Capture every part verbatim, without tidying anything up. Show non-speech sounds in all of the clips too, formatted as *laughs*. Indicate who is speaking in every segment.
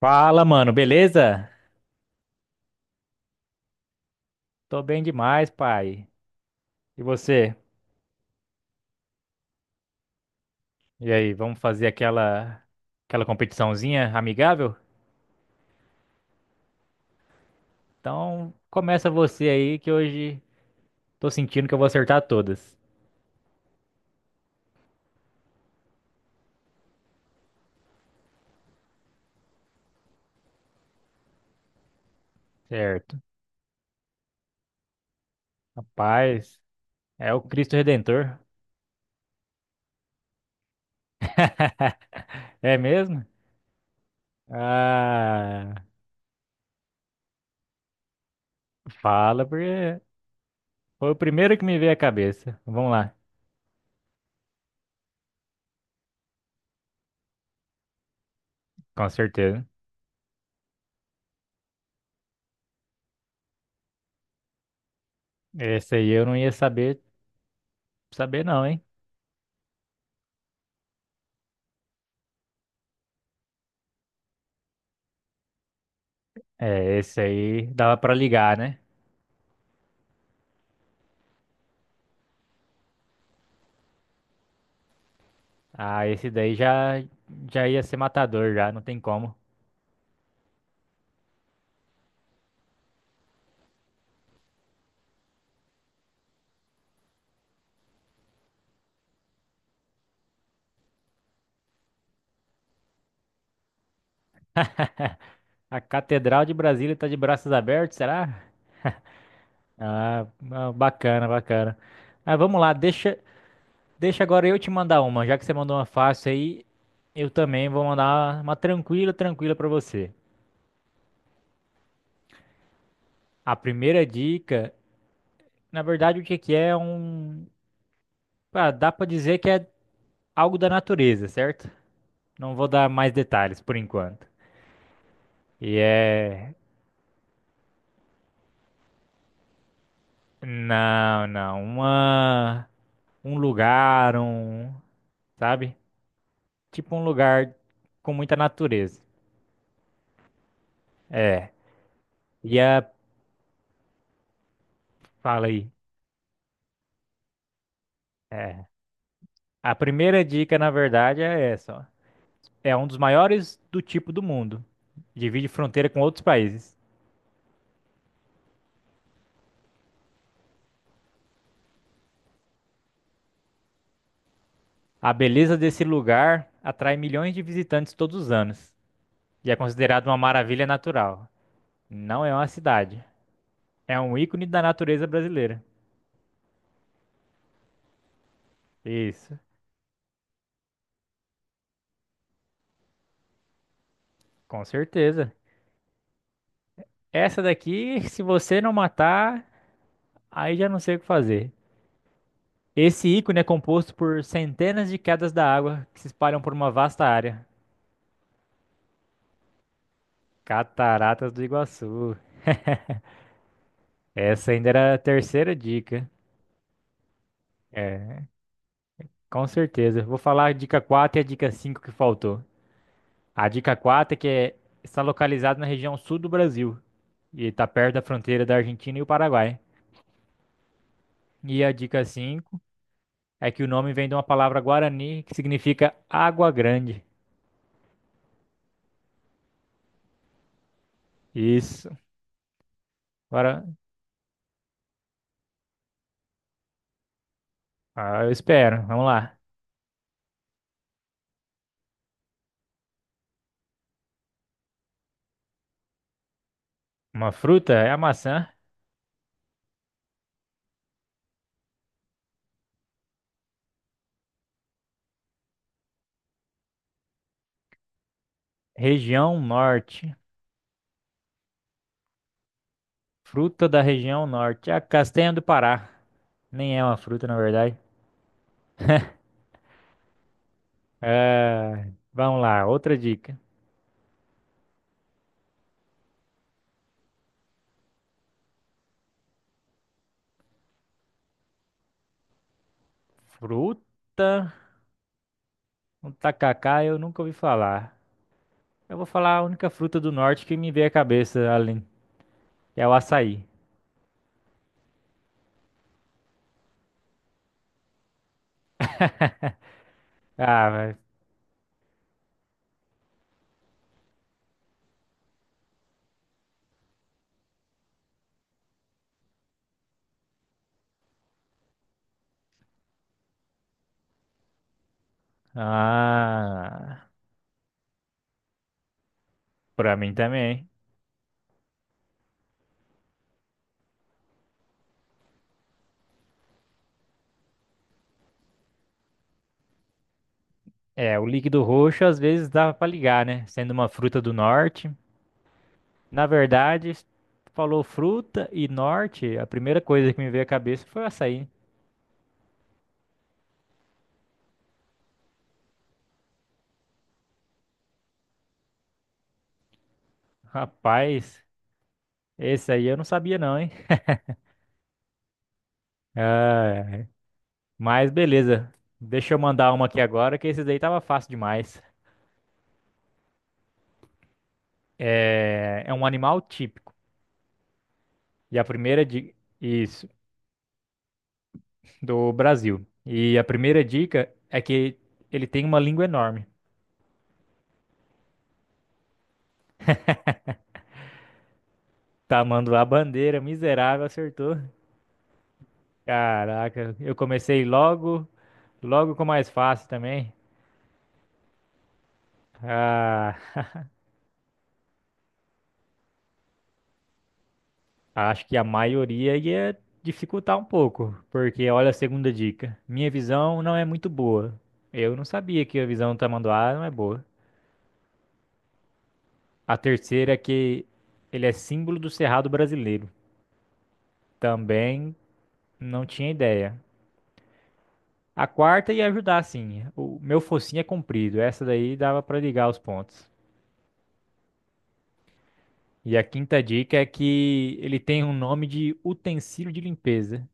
Speaker 1: Fala, mano, beleza? Tô bem demais, pai. E você? E aí, vamos fazer aquela aquela competiçãozinha amigável? Então, começa você aí que hoje tô sentindo que eu vou acertar todas. Certo. Rapaz, é o Cristo Redentor. *laughs* É mesmo? Ah, fala porque foi o primeiro que me veio à cabeça. Vamos lá, com certeza. Esse aí eu não ia saber saber não, hein? É, esse aí dava pra ligar, né? Ah, esse daí já, já ia ser matador, já, não tem como. A Catedral de Brasília tá de braços abertos, será? Ah, ah, bacana, bacana. Ah, vamos lá, deixa, deixa agora eu te mandar uma. Já que você mandou uma fácil aí, eu também vou mandar uma tranquila, tranquila pra você. A primeira dica, na verdade, o que que é é um... Ah, dá pra dizer que é algo da natureza, certo? Não vou dar mais detalhes por enquanto. E é... Não, não, uma... um lugar, um, sabe? Tipo um lugar com muita natureza. É. E a, fala aí. É, a primeira dica, na verdade, é essa, ó. É um dos maiores do tipo do mundo. Divide fronteira com outros países. A beleza desse lugar atrai milhões de visitantes todos os anos e é considerado uma maravilha natural. Não é uma cidade, é um ícone da natureza brasileira. Isso, com certeza. Essa daqui, se você não matar, aí já não sei o que fazer. Esse ícone é composto por centenas de quedas da água que se espalham por uma vasta área. Cataratas do Iguaçu. Essa ainda era a terceira dica. É, com certeza. Vou falar a dica quatro e a dica cinco que faltou. A dica quatro é que é- está localizado na região sul do Brasil e está perto da fronteira da Argentina e o Paraguai. E a dica cinco é que o nome vem de uma palavra guarani que significa água grande. Isso. Agora, ah, eu espero. Vamos lá. Uma fruta é a maçã. Região Norte. Fruta da região Norte. A castanha do Pará. Nem é uma fruta, na verdade. É, vamos lá, outra dica. Fruta. O tacacá eu nunca ouvi falar. Eu vou falar a única fruta do norte que me veio à cabeça, além, que é o açaí. Ah, vai. Ah, pra mim também. É, o líquido roxo às vezes dava pra ligar, né? Sendo uma fruta do norte. Na verdade, falou fruta e norte, a primeira coisa que me veio à cabeça foi o açaí. Rapaz, esse aí eu não sabia não, hein? Ah, mas beleza. Deixa eu mandar uma aqui agora, que esse daí tava fácil demais. É, é um animal típico. E a primeira dica. Isso, do Brasil. E a primeira dica é que ele tem uma língua enorme. Tamanduá bandeira, miserável, acertou. Caraca, eu comecei logo, logo com o mais fácil também. Ah. Acho que a maioria ia dificultar um pouco, porque olha a segunda dica. Minha visão não é muito boa. Eu não sabia que a visão do Tamanduá não é boa. A terceira é que ele é símbolo do Cerrado brasileiro. Também não tinha ideia. A quarta ia ajudar, sim. O meu focinho é comprido. Essa daí dava pra ligar os pontos. E a quinta dica é que ele tem um nome de utensílio de limpeza.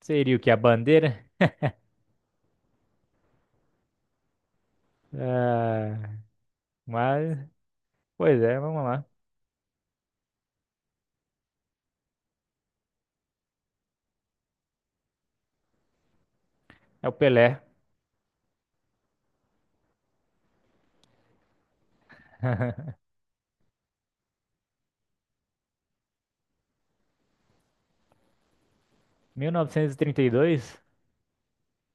Speaker 1: Seria o que? A bandeira? Ah, mas, pois é, vamos lá. É o Pelé. mil novecentos e trinta e dois?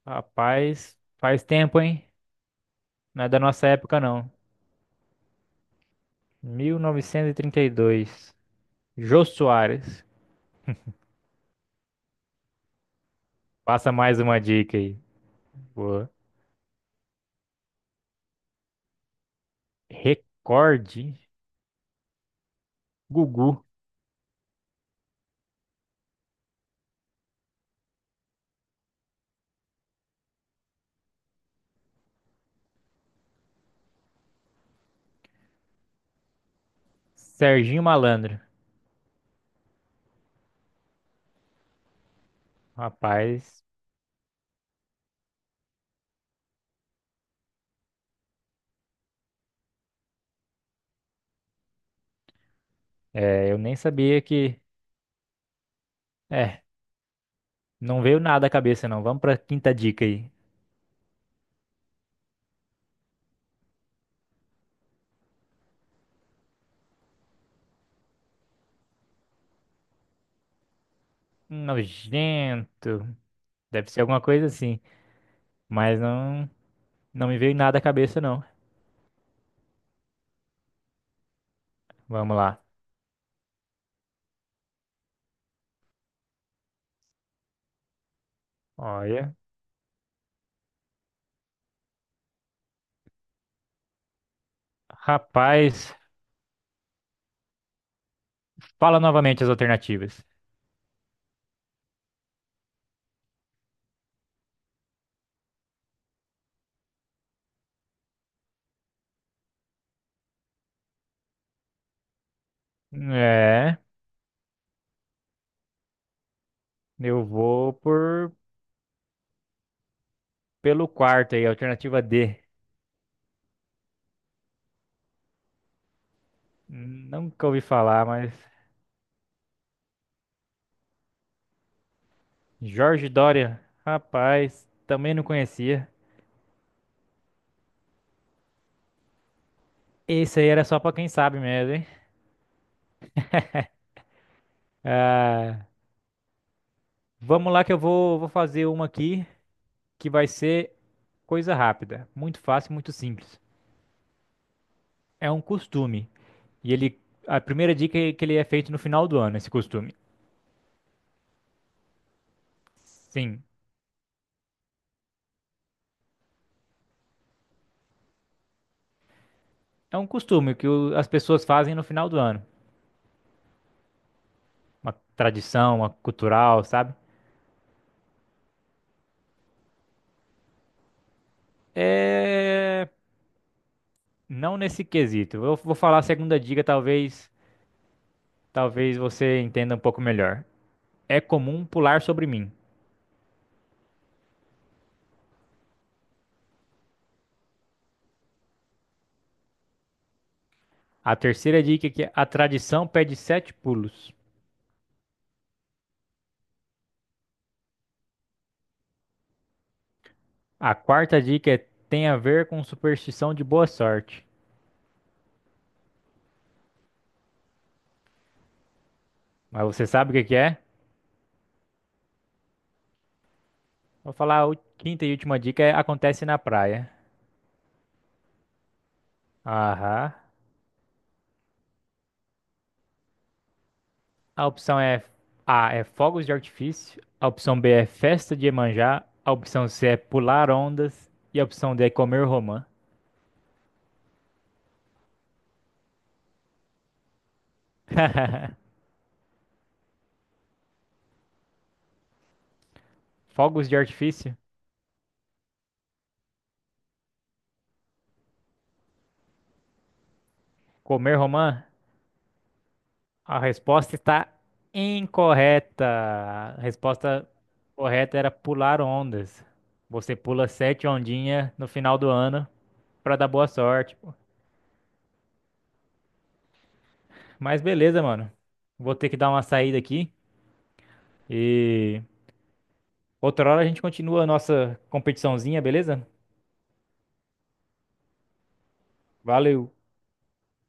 Speaker 1: Rapaz, faz tempo, hein? Não é da nossa época, não. mil novecentos e trinta e dois. Jô Soares. Passa mais uma dica aí. Boa. Recorde. Gugu. Serginho Malandro. Rapaz, é, eu nem sabia que. É, não veio nada à cabeça, não. Vamos pra quinta dica aí. Nojento. Deve ser alguma coisa assim. Mas não, não me veio nada à cabeça, não. Vamos lá. Olha. Rapaz, fala novamente as alternativas. É, eu vou por pelo quarto aí, alternativa D. Nunca ouvi falar, mas Jorge Doria, rapaz, também não conhecia. Esse aí era só pra quem sabe mesmo, hein? Ah, vamos lá que eu vou, vou fazer uma aqui que vai ser coisa rápida, muito fácil, muito simples. É um costume e ele a primeira dica é que ele é feito no final do ano, esse costume. Sim. É um costume que o- as pessoas fazem no final do ano. Uma tradição, uma cultural, sabe? É... Não nesse quesito. Eu vou falar a segunda dica, talvez, talvez você entenda um pouco melhor. É comum pular sobre mim. A terceira dica é que a tradição pede sete pulos. A quarta dica é tem a ver com superstição de boa sorte. Mas você sabe o que que é? Vou falar a u- quinta e última dica é acontece na praia. Aham. A opção é A é fogos de artifício, a opção B é festa de Iemanjá, a opção C é pular ondas e a opção D é comer romã. *laughs* Fogos de artifício, comer romã? A resposta está incorreta. A resposta correta era pular ondas. Você pula sete ondinhas no final do ano pra dar boa sorte. Pô. Mas beleza, mano. Vou ter que dar uma saída aqui e outra hora a gente continua a nossa competiçãozinha, beleza? Valeu.